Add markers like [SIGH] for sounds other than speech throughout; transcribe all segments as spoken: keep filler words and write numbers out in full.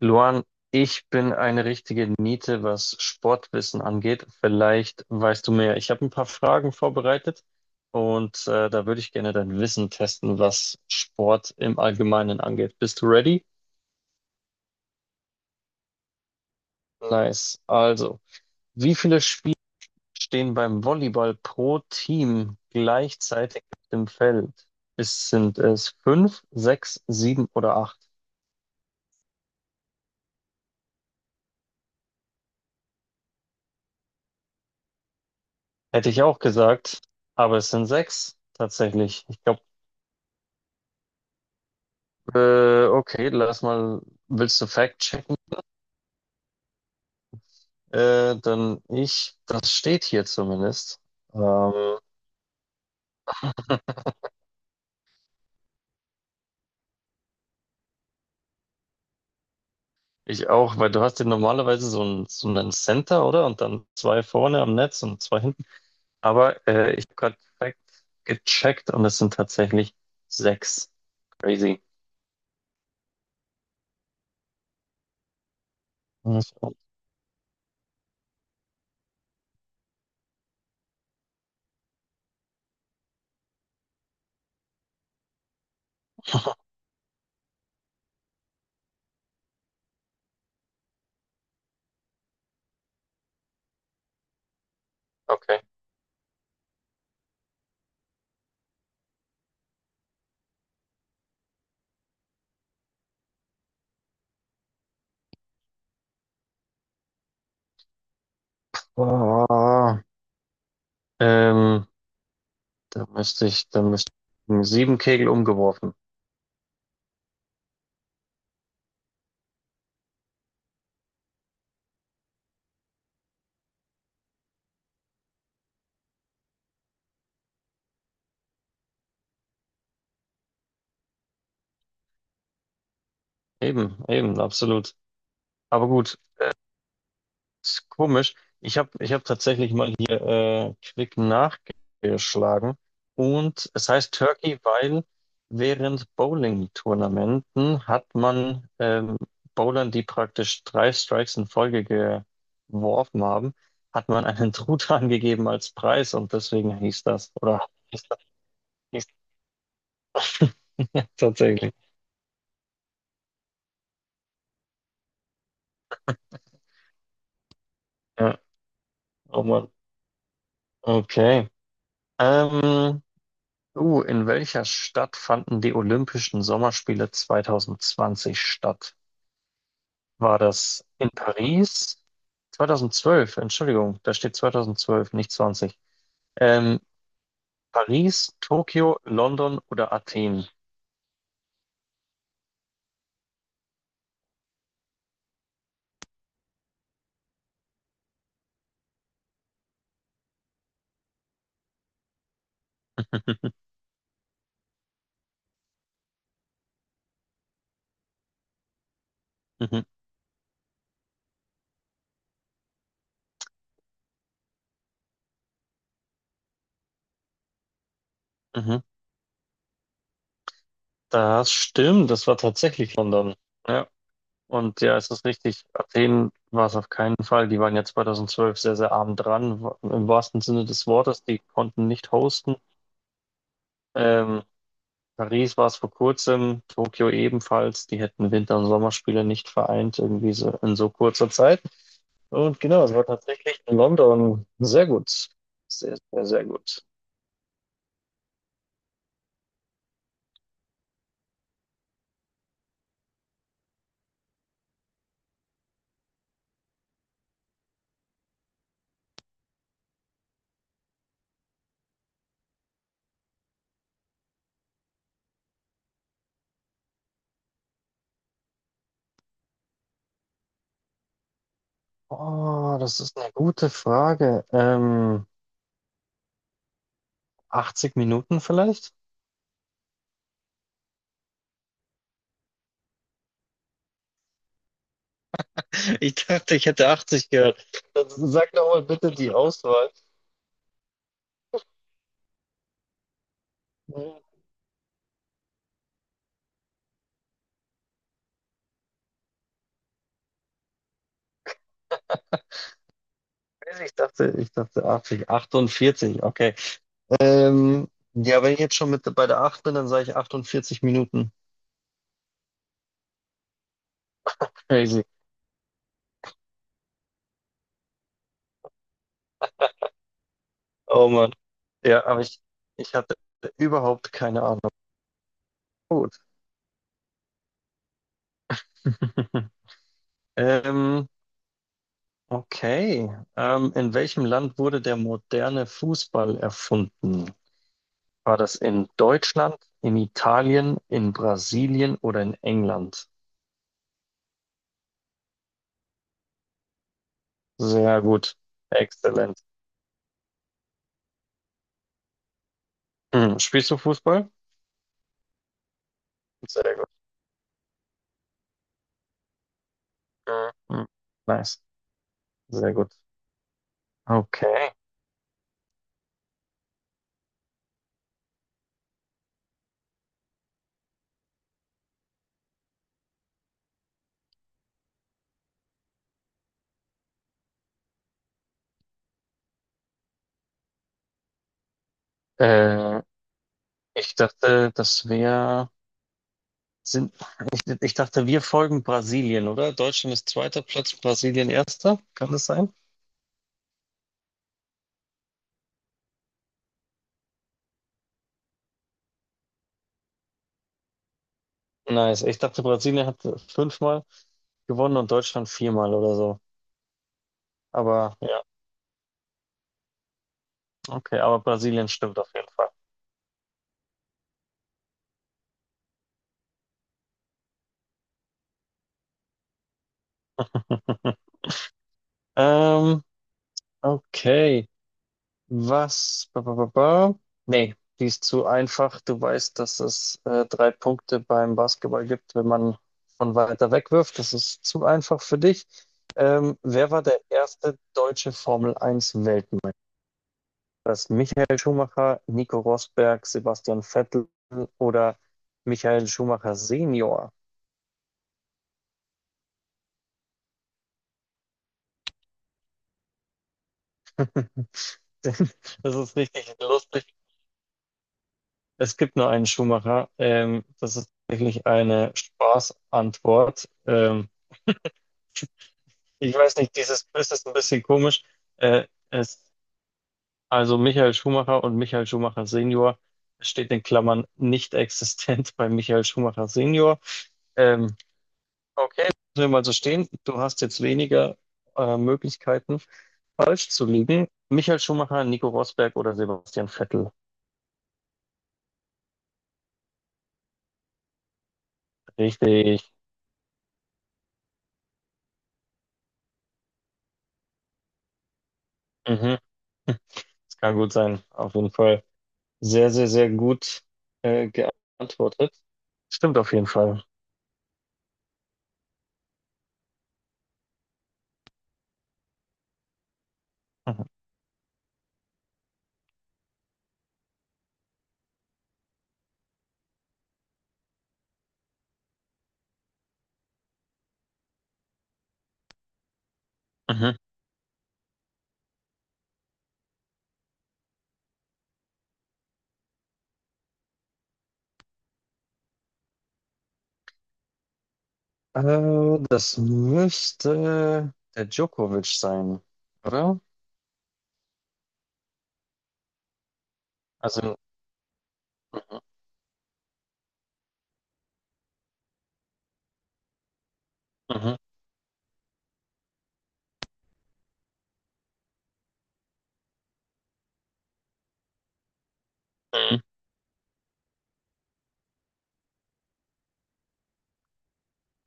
Luan, ich bin eine richtige Niete, was Sportwissen angeht. Vielleicht weißt du mehr. Ich habe ein paar Fragen vorbereitet und äh, da würde ich gerne dein Wissen testen, was Sport im Allgemeinen angeht. Bist du ready? Nice. Also, wie viele Spieler stehen beim Volleyball pro Team gleichzeitig auf dem Feld? Es sind äh, es fünf, sechs, sieben oder acht? Hätte ich auch gesagt, aber es sind sechs tatsächlich. Ich glaube. Äh, okay, lass mal, willst du Fact checken? Äh, dann ich, das steht hier zumindest. Ähm, ich auch, weil du hast ja normalerweise so ein, so einen Center, oder? Und dann zwei vorne am Netz und zwei hinten. Aber äh, ich habe gerade Fact gecheckt und es sind tatsächlich sechs. Crazy. [LAUGHS] Okay. Ah, ähm, da müsste ich, da müsste ich sieben Kegel umgeworfen. Eben, eben, absolut. Aber gut. Ist komisch. Ich habe ich hab tatsächlich mal hier äh, quick nachgeschlagen. Und es heißt Turkey, weil während Bowling-Tournamenten hat man ähm, Bowlern, die praktisch drei Strikes in Folge geworfen haben, hat man einen [LAUGHS] Truthahn gegeben als Preis und deswegen hieß das. Oder hieß das, hieß, [LAUGHS] ja, tatsächlich. Ja, oh Mann. Okay. Ähm, Oh, in welcher Stadt fanden die Olympischen Sommerspiele zwanzig zwanzig statt? War das in Paris? zwanzig zwölf, Entschuldigung, da steht zwanzig zwölf, nicht zwanzig. Ähm, Paris, Tokio, London oder Athen? Mhm, mhm. Das stimmt, das war tatsächlich London. Ja, und ja, es ist richtig. Athen war es auf keinen Fall. Die waren ja zwanzig zwölf sehr, sehr arm dran, wa- im wahrsten Sinne des Wortes. Die konnten nicht hosten. Ähm, Paris war es vor kurzem, Tokio ebenfalls. Die hätten Winter- und Sommerspiele nicht vereint, irgendwie so in so kurzer Zeit. Und genau, es war tatsächlich in London sehr gut. Sehr, sehr, sehr gut. Oh, das ist eine gute Frage. Ähm, achtzig Minuten vielleicht? [LAUGHS] Ich dachte, ich hätte achtzig gehört. Dann sag doch mal bitte die Auswahl. Hm, Ich dachte, ich dachte achtzig, achtundvierzig, okay. Ähm, ja, wenn ich jetzt schon mit bei der acht bin, dann sage ich achtundvierzig Minuten. Crazy. Oh Mann. Ja, aber ich, ich hatte überhaupt keine Ahnung. Gut. [LAUGHS] Ähm, okay. Ähm, in welchem Land wurde der moderne Fußball erfunden? War das in Deutschland, in Italien, in Brasilien oder in England? Sehr gut. Exzellent. Hm. Spielst du Fußball? Sehr gut. Mhm. Nice. Sehr gut. Okay. Äh, ich dachte, das wäre. Sind, ich, ich dachte, wir folgen Brasilien, oder? Deutschland ist zweiter Platz, Brasilien erster. Kann das sein? Nice. Ich dachte, Brasilien hat fünfmal gewonnen und Deutschland viermal oder so. Aber ja, okay, aber Brasilien stimmt auf jeden Fall. Ähm, okay. Was? Ba, ba, ba, ba. Nee, die ist zu einfach. Du weißt, dass es äh, drei Punkte beim Basketball gibt, wenn man von weiter weg wirft. Das ist zu einfach für dich. Ähm, wer war der erste deutsche Formel Eins Weltmeister? Das ist Michael Schumacher, Nico Rosberg, Sebastian Vettel oder Michael Schumacher Senior? [LAUGHS] Das ist richtig lustig. Es gibt nur einen Schumacher. Ähm, das ist wirklich eine Spaßantwort. Ähm, Ich weiß nicht, dieses Quiz ist ein bisschen komisch. Äh, es, also Michael Schumacher und Michael Schumacher Senior. Es steht in Klammern nicht existent [LAUGHS] bei Michael Schumacher Senior. Ähm, okay, lassen wir mal so stehen. Du hast jetzt weniger äh, Möglichkeiten, falsch zu liegen. Michael Schumacher, Nico Rosberg oder Sebastian Vettel. Richtig. Mhm. [LAUGHS] Das kann gut sein. Auf jeden Fall sehr, sehr, sehr gut äh, geantwortet. Stimmt auf jeden Fall. Mhm. Mhm. Äh, das müsste der Djokovic sein, oder? Also, mhm. Mhm.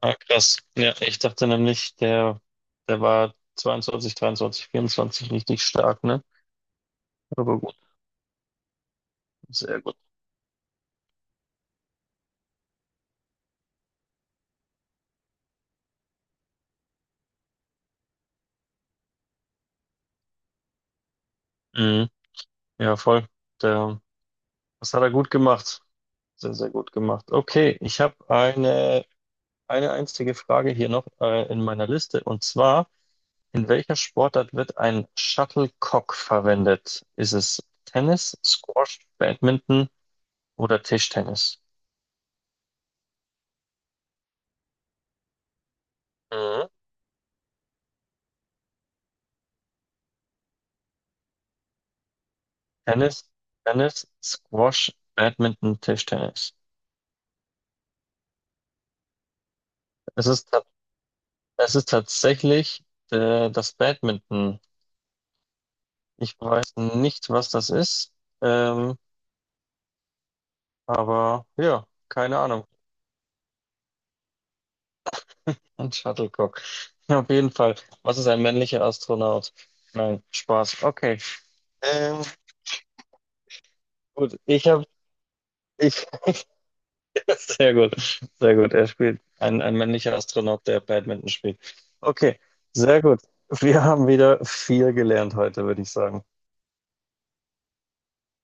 Ah, krass. Ja, ich dachte nämlich, der, der war zweiundzwanzig, dreiundzwanzig, vierundzwanzig richtig stark, ne? Aber gut, sehr gut. Mhm. Ja, voll. Der, das hat er gut gemacht. Sehr, sehr gut gemacht. Okay, ich habe eine, eine einzige Frage hier noch äh, in meiner Liste. Und zwar, in welcher Sportart wird ein Shuttlecock verwendet? Ist es Tennis, Squash, Badminton oder Tischtennis? Mhm. Tennis, Tennis, Squash, Badminton, Tischtennis. Es ist, ta- es ist tatsächlich äh, das Badminton. Ich weiß nicht, was das ist, ähm, aber ja, keine Ahnung. Ein Shuttlecock. [LAUGHS] Auf jeden Fall. Was ist ein männlicher Astronaut? Nein, Spaß. Okay. Ähm, gut, ich habe ich, [LAUGHS] sehr gut, sehr gut. Er spielt ein, ein männlicher Astronaut, der Badminton spielt. Okay, sehr gut. Wir haben wieder viel gelernt heute, würde ich sagen.